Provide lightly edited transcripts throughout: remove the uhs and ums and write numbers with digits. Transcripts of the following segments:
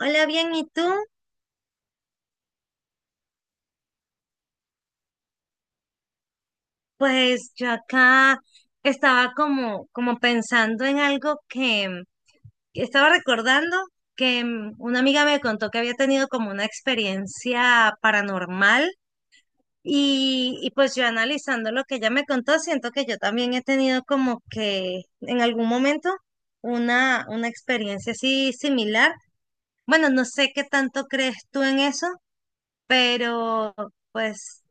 Hola, bien, ¿y tú? Pues yo acá estaba como pensando en algo que estaba recordando que una amiga me contó que había tenido como una experiencia paranormal y pues yo analizando lo que ella me contó, siento que yo también he tenido como que en algún momento una experiencia así similar. Bueno, no sé qué tanto crees tú en eso, pero pues...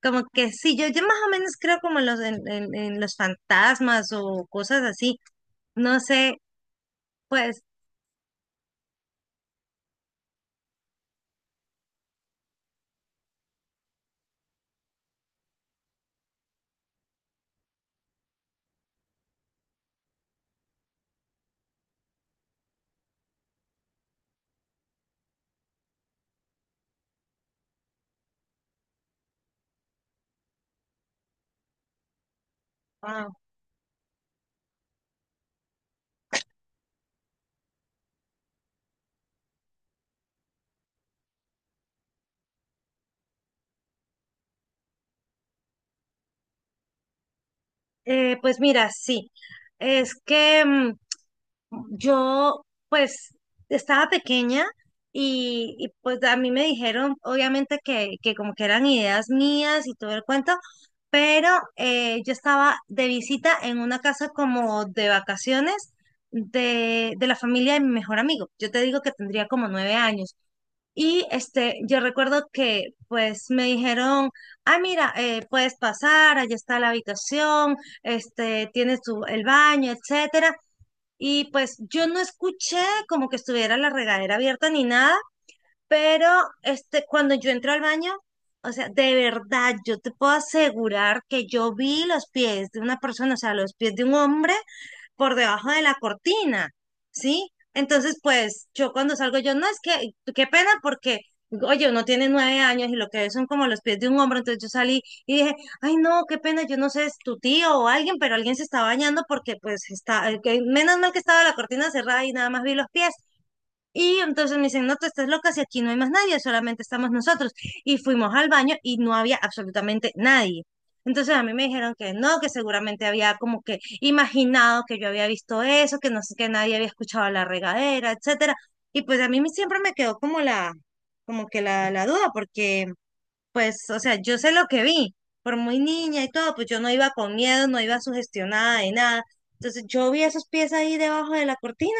Como que sí, yo más o menos creo como en los fantasmas o cosas así. No sé, pues, ah, pues mira, sí. Es que pues, estaba pequeña y, pues a mí me dijeron, obviamente, que como que eran ideas mías y todo el cuento, pero yo estaba de visita en una casa como de vacaciones de la familia de mi mejor amigo. Yo te digo que tendría como 9 años. Y yo recuerdo que pues me dijeron, mira, puedes pasar, allá está la habitación, tienes el baño, etcétera. Y pues yo no escuché como que estuviera la regadera abierta ni nada, pero cuando yo entré al baño, o sea, de verdad, yo te puedo asegurar que yo vi los pies de una persona, o sea, los pies de un hombre por debajo de la cortina, ¿sí? Entonces, pues yo cuando salgo, yo no es que, qué pena porque, oye, uno tiene 9 años y lo que ve son como los pies de un hombro, entonces yo salí y dije, ay, no, qué pena, yo no sé, es tu tío o alguien, pero alguien se está bañando porque pues está, menos mal que estaba la cortina cerrada y nada más vi los pies. Y entonces me dicen, no, tú estás loca, si aquí no hay más nadie, solamente estamos nosotros. Y fuimos al baño y no había absolutamente nadie. Entonces a mí me dijeron que no, que seguramente había como que imaginado que yo había visto eso, que no sé, que nadie había escuchado la regadera, etcétera. Y pues a mí siempre me quedó como que la duda, porque pues, o sea, yo sé lo que vi, por muy niña y todo, pues yo no iba con miedo, no iba sugestionada de nada. Entonces yo vi esos pies ahí debajo de la cortina.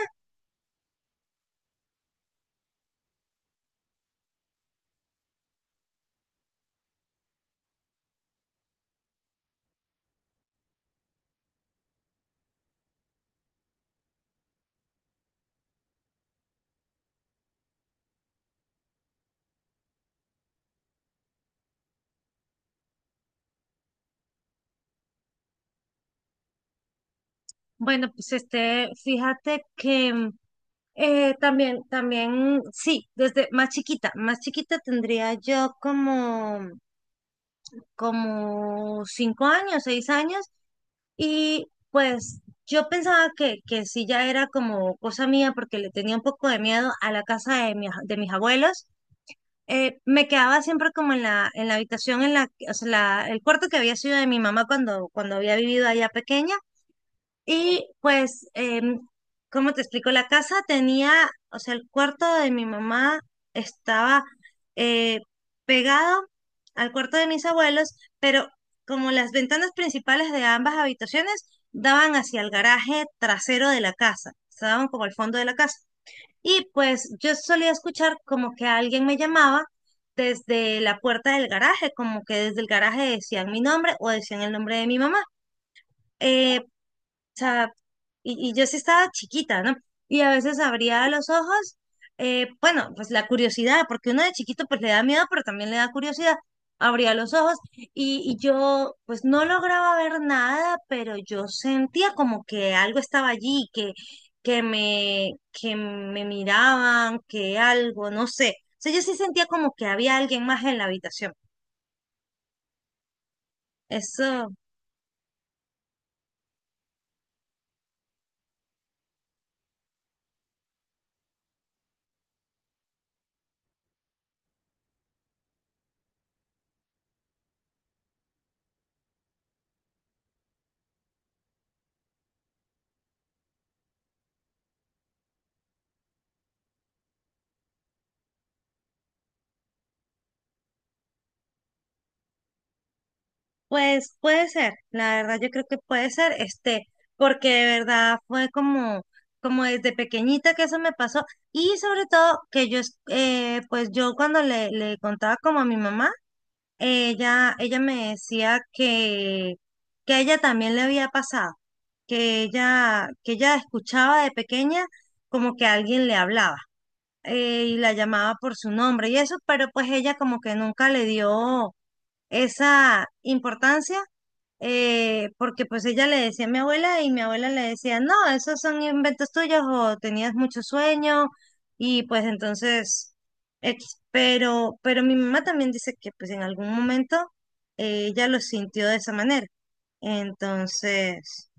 Bueno, pues fíjate que también, también, sí, desde más chiquita tendría yo como, 5 años, 6 años, y pues yo pensaba que sí ya era como cosa mía porque le tenía un poco de miedo a la casa de mis abuelos. Me quedaba siempre como en la habitación, o sea, el cuarto que había sido de mi mamá cuando había vivido allá pequeña. Y pues, ¿cómo te explico? La casa tenía, o sea, el cuarto de mi mamá estaba eh, pegado al cuarto de mis abuelos, pero como las ventanas principales de ambas habitaciones daban hacia el garaje trasero de la casa, se daban como al fondo de la casa. Y pues yo solía escuchar como que alguien me llamaba desde la puerta del garaje, como que desde el garaje decían mi nombre o decían el nombre de mi mamá. Eh, sea, y yo sí estaba chiquita, ¿no? Y a veces abría los ojos, bueno, pues la curiosidad, porque uno de chiquito pues le da miedo, pero también le da curiosidad. Abría los ojos y yo pues no lograba ver nada, pero yo sentía como que algo estaba allí, que me miraban, que algo, no sé. O sea, yo sí sentía como que había alguien más en la habitación. Eso. Pues puede ser, la verdad yo creo que puede ser, porque de verdad fue como desde pequeñita que eso me pasó y sobre todo que pues yo cuando le contaba como a mi mamá, ella me decía que a ella también le había pasado, que ella escuchaba de pequeña como que alguien le hablaba y la llamaba por su nombre y eso, pero pues ella como que nunca le dio esa importancia porque pues ella le decía a mi abuela y mi abuela le decía, no, esos son inventos tuyos o tenías mucho sueño y pues entonces, X. Pero mi mamá también dice que pues en algún momento ella lo sintió de esa manera. Entonces,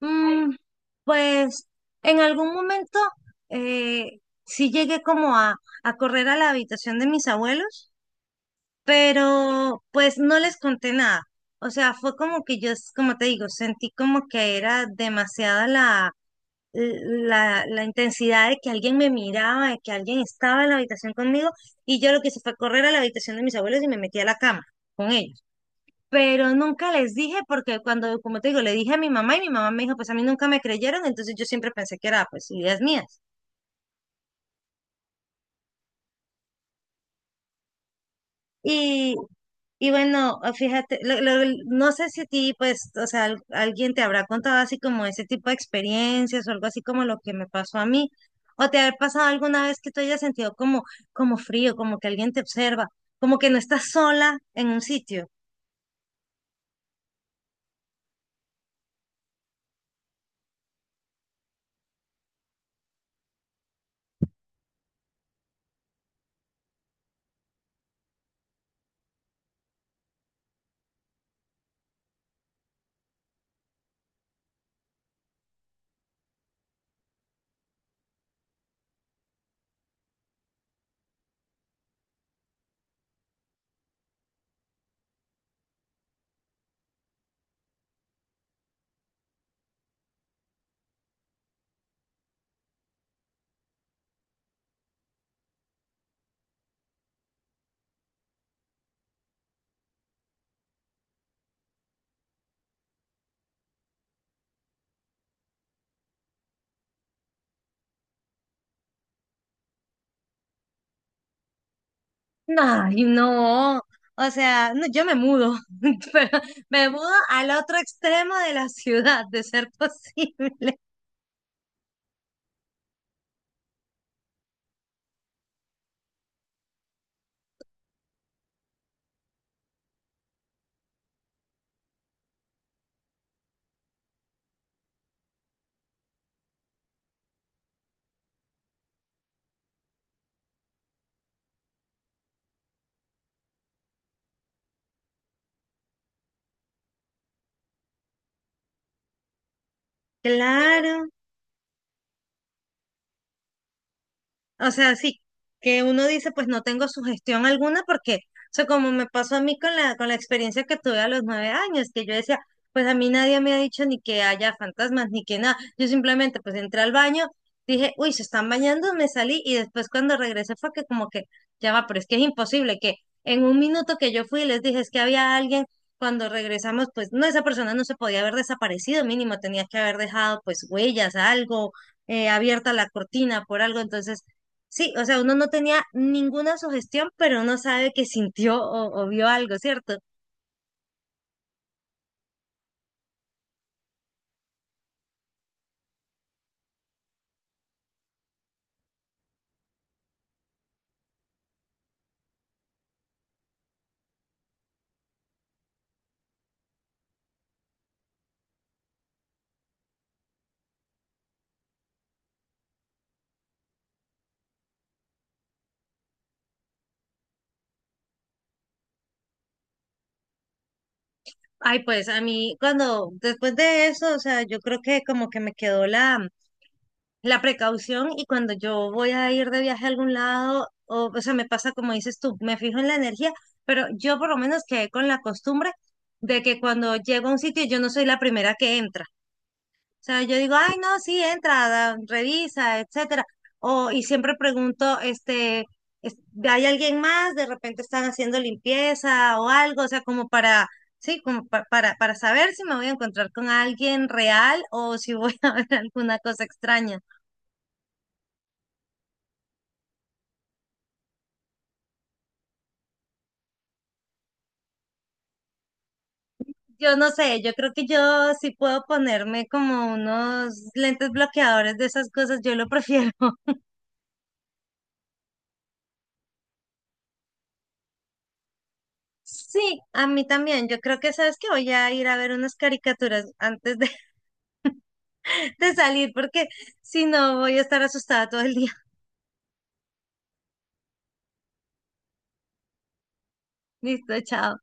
mm, pues en algún momento eh, sí llegué como a correr a la habitación de mis abuelos pero pues no les conté nada. O sea, fue como que yo, como te digo, sentí como que era demasiada la intensidad de que alguien me miraba, de que alguien estaba en la habitación conmigo, y yo lo que hice fue correr a la habitación de mis abuelos y me metí a la cama con ellos. Pero nunca les dije, porque cuando, como te digo, le dije a mi mamá y mi mamá me dijo, pues a mí nunca me creyeron, entonces yo siempre pensé que era pues ideas mías. Y bueno, fíjate, no sé si a ti, pues, o sea, alguien te habrá contado así como ese tipo de experiencias o algo así como lo que me pasó a mí, o te ha pasado alguna vez que tú hayas sentido como, como frío, como que alguien te observa, como que no estás sola en un sitio. Ay, no, o sea, no, yo me mudo, pero me mudo al otro extremo de la ciudad, de ser posible. Claro. O sea, sí, que uno dice, pues no tengo sugestión alguna porque, o sea, como me pasó a mí con la experiencia que tuve a los 9 años, que yo decía, pues a mí nadie me ha dicho ni que haya fantasmas, ni que nada. Yo simplemente, pues entré al baño, dije, uy, se están bañando, me salí y después cuando regresé fue que como que, ya va, pero es que es imposible que en un minuto que yo fui les dije, es que había alguien, cuando regresamos, pues no, esa persona no se podía haber desaparecido, mínimo tenía que haber dejado pues huellas, algo abierta la cortina por algo, entonces. Sí, o sea, uno no tenía ninguna sugestión, pero uno sabe que sintió o vio algo, ¿cierto? Ay, pues a mí, cuando, después de eso, o sea, yo creo que como que me quedó la precaución y cuando yo voy a ir de viaje a algún lado, o sea, me pasa como dices tú, me fijo en la energía, pero yo por lo menos quedé con la costumbre de que cuando llego a un sitio, yo no soy la primera que entra. Yo digo, ay, no, sí, entra, revisa, etcétera. Y siempre pregunto, es- ¿hay alguien más? De repente están haciendo limpieza o algo, o sea, como para, sí, como para saber si me voy a encontrar con alguien real o si voy a ver alguna cosa extraña. Yo no sé, yo creo que yo sí puedo ponerme como unos lentes bloqueadores de esas cosas, yo lo prefiero. Sí, a mí también. Yo creo que sabes que voy a ir a ver unas caricaturas antes de salir porque si no voy a estar asustada todo el día. Listo, chao.